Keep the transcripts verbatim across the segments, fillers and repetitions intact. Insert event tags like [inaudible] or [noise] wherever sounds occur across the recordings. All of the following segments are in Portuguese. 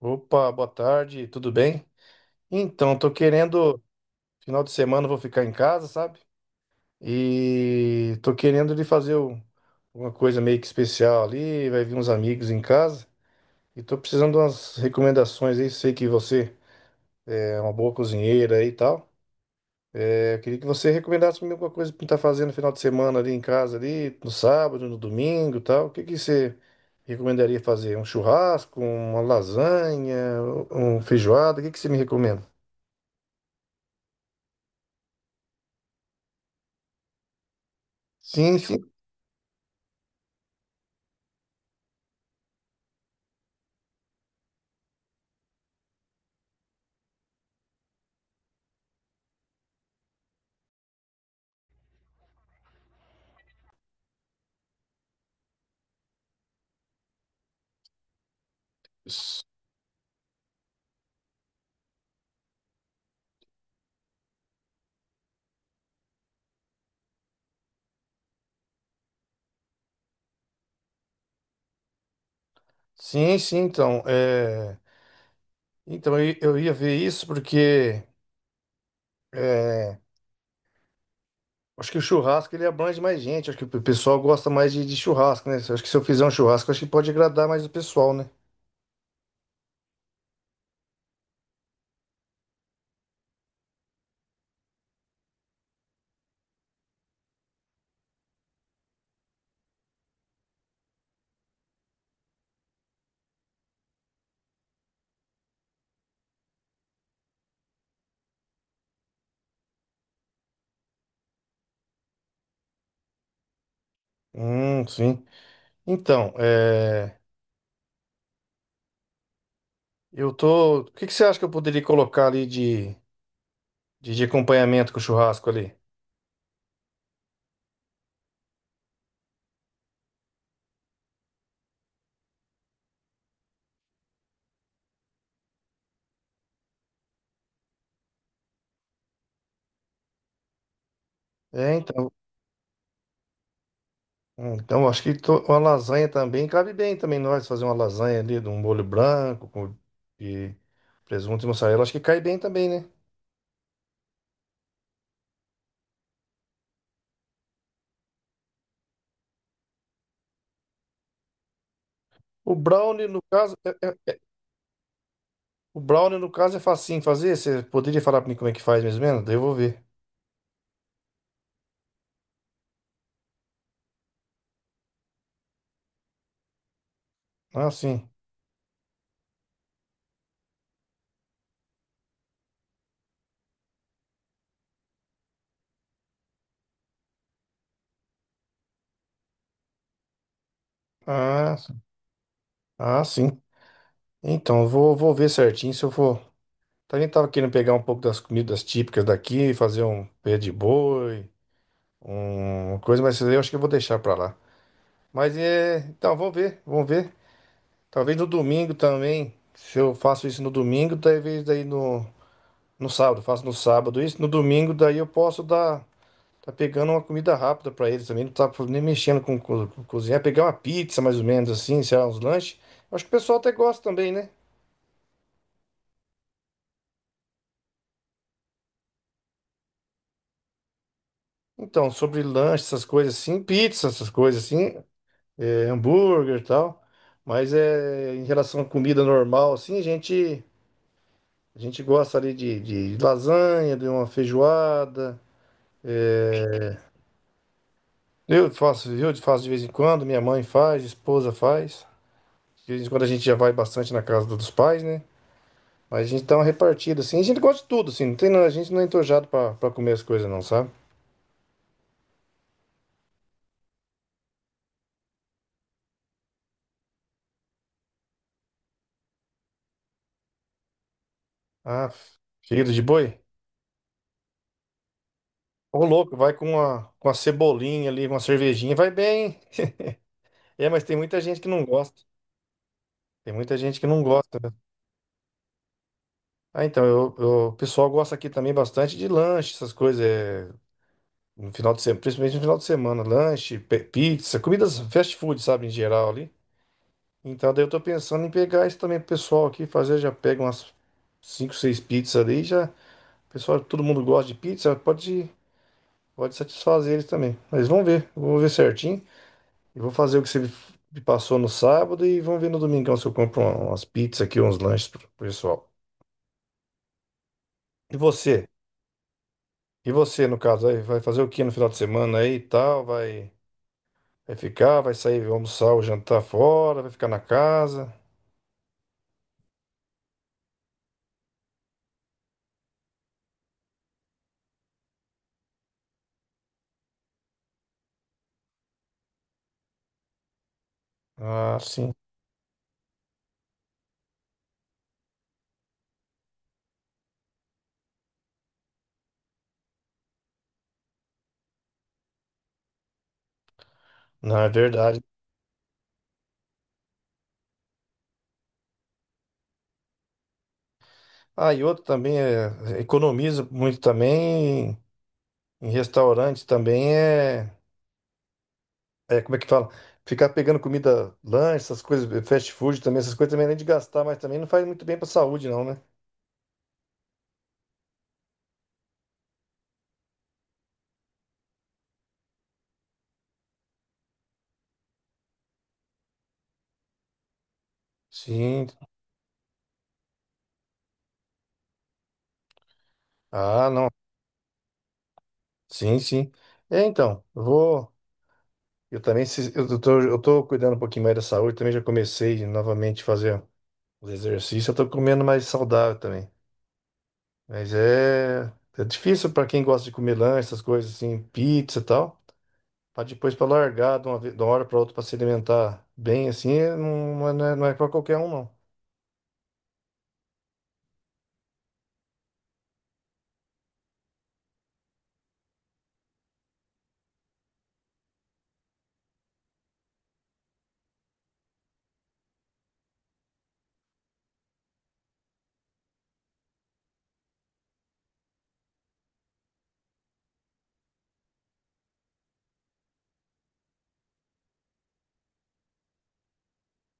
Opa, boa tarde, tudo bem? Então, tô querendo, final de semana eu vou ficar em casa, sabe? E tô querendo de fazer um- uma coisa meio que especial ali, vai vir uns amigos em casa. E tô precisando de umas recomendações aí, sei que você é uma boa cozinheira aí e tal. É, eu queria que você recomendasse pra mim alguma coisa pra estar fazendo no final de semana ali em casa, ali, no sábado, no domingo e tal. O que que você recomendaria fazer? Um churrasco, uma lasanha, um feijoada? O que que você me recomenda? Sim, sim. S- Sim, sim, então. É... Então eu eu ia ver isso porque é, acho que o churrasco ele abrange mais gente. Acho que o pessoal gosta mais de, de churrasco, né? Acho que se eu fizer um churrasco, acho que pode agradar mais o pessoal, né? Hum, sim. Então, é... eu tô. O que que você acha que eu poderia colocar ali de, de, de acompanhamento com o churrasco ali? É, então. hum, Então, acho que tô- uma lasanha também cabe bem também nós fazer uma lasanha ali de um molho branco com e presunto e mussarela. Acho que cai bem também, né? O brownie, no caso, é, é- o brownie, no caso, é facinho fazer. Você poderia falar para mim como é que faz mais ou menos? Daí eu vou ver. Ah, sim. Ah, sim. Ah, sim. Então, eu vou, vou ver certinho se eu for. Também tava querendo pegar um pouco das comidas típicas daqui, fazer um pé de boi, um- uma coisa, mas isso aí eu acho que eu vou deixar para lá. Mas é, então, vamos ver, vamos ver. Talvez no domingo também, se eu faço isso no domingo, talvez daí no, no sábado, faço no sábado isso, no domingo daí eu posso dar. Tá pegando uma comida rápida pra eles também, não tá nem mexendo com, co- com cozinhar. Pegar uma pizza, mais ou menos assim, sei lá, uns lanches. Acho que o pessoal até gosta também, né? Então, sobre lanche, essas coisas assim, pizza, essas coisas assim, é, hambúrguer e tal. Mas é, em relação à comida normal, assim, a gente, a gente gosta ali de, de lasanha, de uma feijoada. Eu faço, eu faço de vez em quando, minha mãe faz, esposa faz. De vez em quando a gente já vai bastante na casa dos pais, né? Mas a gente dá uma repartida, assim. A gente gosta de tudo, assim. Não tem, a gente não é entojado pra, pra comer as coisas, não, sabe? Ah, filho de boi. Ô, louco, vai com uma, com uma cebolinha ali, uma cervejinha, vai bem, hein? É, mas tem muita gente que não gosta. Tem muita gente que não gosta, né? Ah, então, eu, eu- o pessoal gosta aqui também bastante de lanche, essas coisas. É, no final de semana, principalmente no final de semana. Lanche, pe- pizza, comidas fast food, sabe, em geral ali. Então, daí eu tô pensando em pegar isso também pro pessoal aqui, fazer, já pega umas cinco, seis pizzas ali e já. Pessoal, todo mundo gosta de pizza, pode, pode satisfazer eles também. Mas vamos ver, eu vou ver certinho. E vou fazer o que você me passou no sábado e vamos ver no domingão se eu compro um- umas pizzas aqui, uns lanches pro pro pessoal. E você? E você, no caso, aí, vai fazer o que no final de semana aí e tal? Vai, vai ficar, vai sair, vai almoçar ou jantar fora, vai ficar na casa? Ah, sim. Não, é verdade. Ah, e outro também é, economiza muito também em restaurantes também é. É, como é que fala? Ficar pegando comida, lanche, essas coisas, eh, fast food também, essas coisas também, além de gastar, mas também não faz muito bem pra saúde, não, né? Sim. Ah, não. Sim, sim. É, então, eu vou. Eu também, se- eu tô, eu tô cuidando um pouquinho mais da saúde, também já comecei novamente a fazer os exercícios, eu tô comendo mais saudável também. Mas é, é difícil pra quem gosta de comer lanche, essas coisas assim, pizza e tal. Pra depois pra largar de uma, ve- de uma hora pra outra pra se alimentar bem assim, não, não é, não é pra qualquer um, não.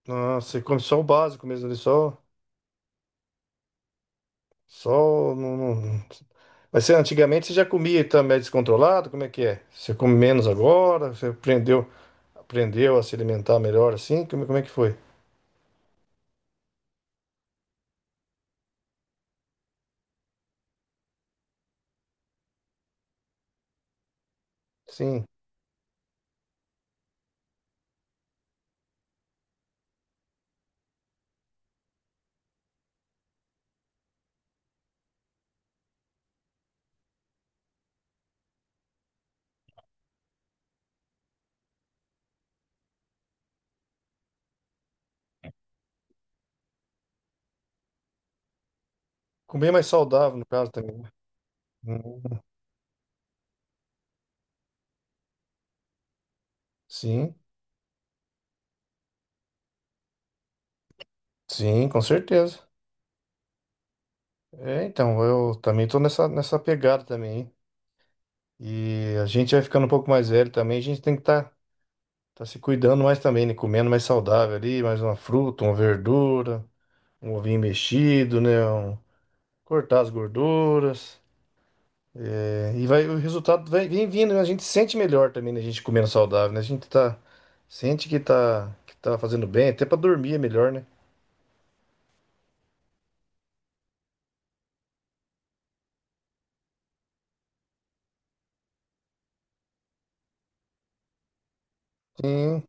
Ah, você come só o básico mesmo ali, só. Só. Não, não... Mas você, antigamente você já comia também descontrolado? Como é que é? Você come menos agora? Você aprendeu, aprendeu a se alimentar melhor assim? Como, como é que foi? Sim. Comer mais saudável, no caso também. Hum, Sim, sim, com certeza. É, então, eu também tô nessa, nessa pegada também, hein? E a gente vai ficando um pouco mais velho também, a gente tem que estar tá, tá se cuidando mais também, né? Comendo mais saudável ali, mais uma fruta, uma verdura, um ovinho mexido, né? um- cortar as gorduras. É, e vai, o resultado vai, vem vindo, né? A gente sente melhor também, né? A gente comendo saudável, né? A gente tá, sente que tá, que tá fazendo bem, até pra dormir é melhor, né? Sim,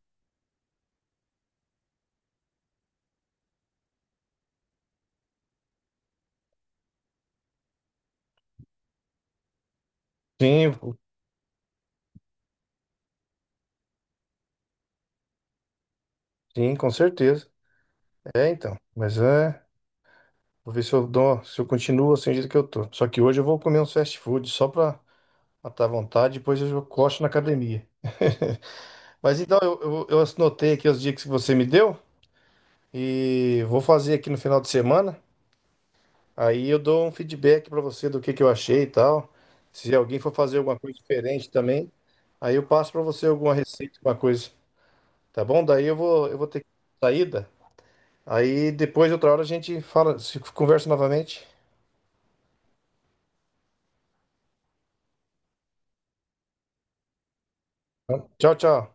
sim, pô, sim, com certeza. É, então. Mas é. Vou ver se eu dou, se eu continuo assim do jeito que eu tô. Só que hoje eu vou comer uns fast food só pra matar a vontade, depois eu cocho na academia. [laughs] Mas então, eu, eu, eu anotei aqui os dias que você me deu e vou fazer aqui no final de semana. Aí eu dou um feedback para você do que que eu achei e tal. Se alguém for fazer alguma coisa diferente também, aí eu passo para você alguma receita, alguma coisa, tá bom? Daí eu vou, eu vou ter que saída. Aí depois outra hora a gente fala, se conversa novamente. Tchau, tchau.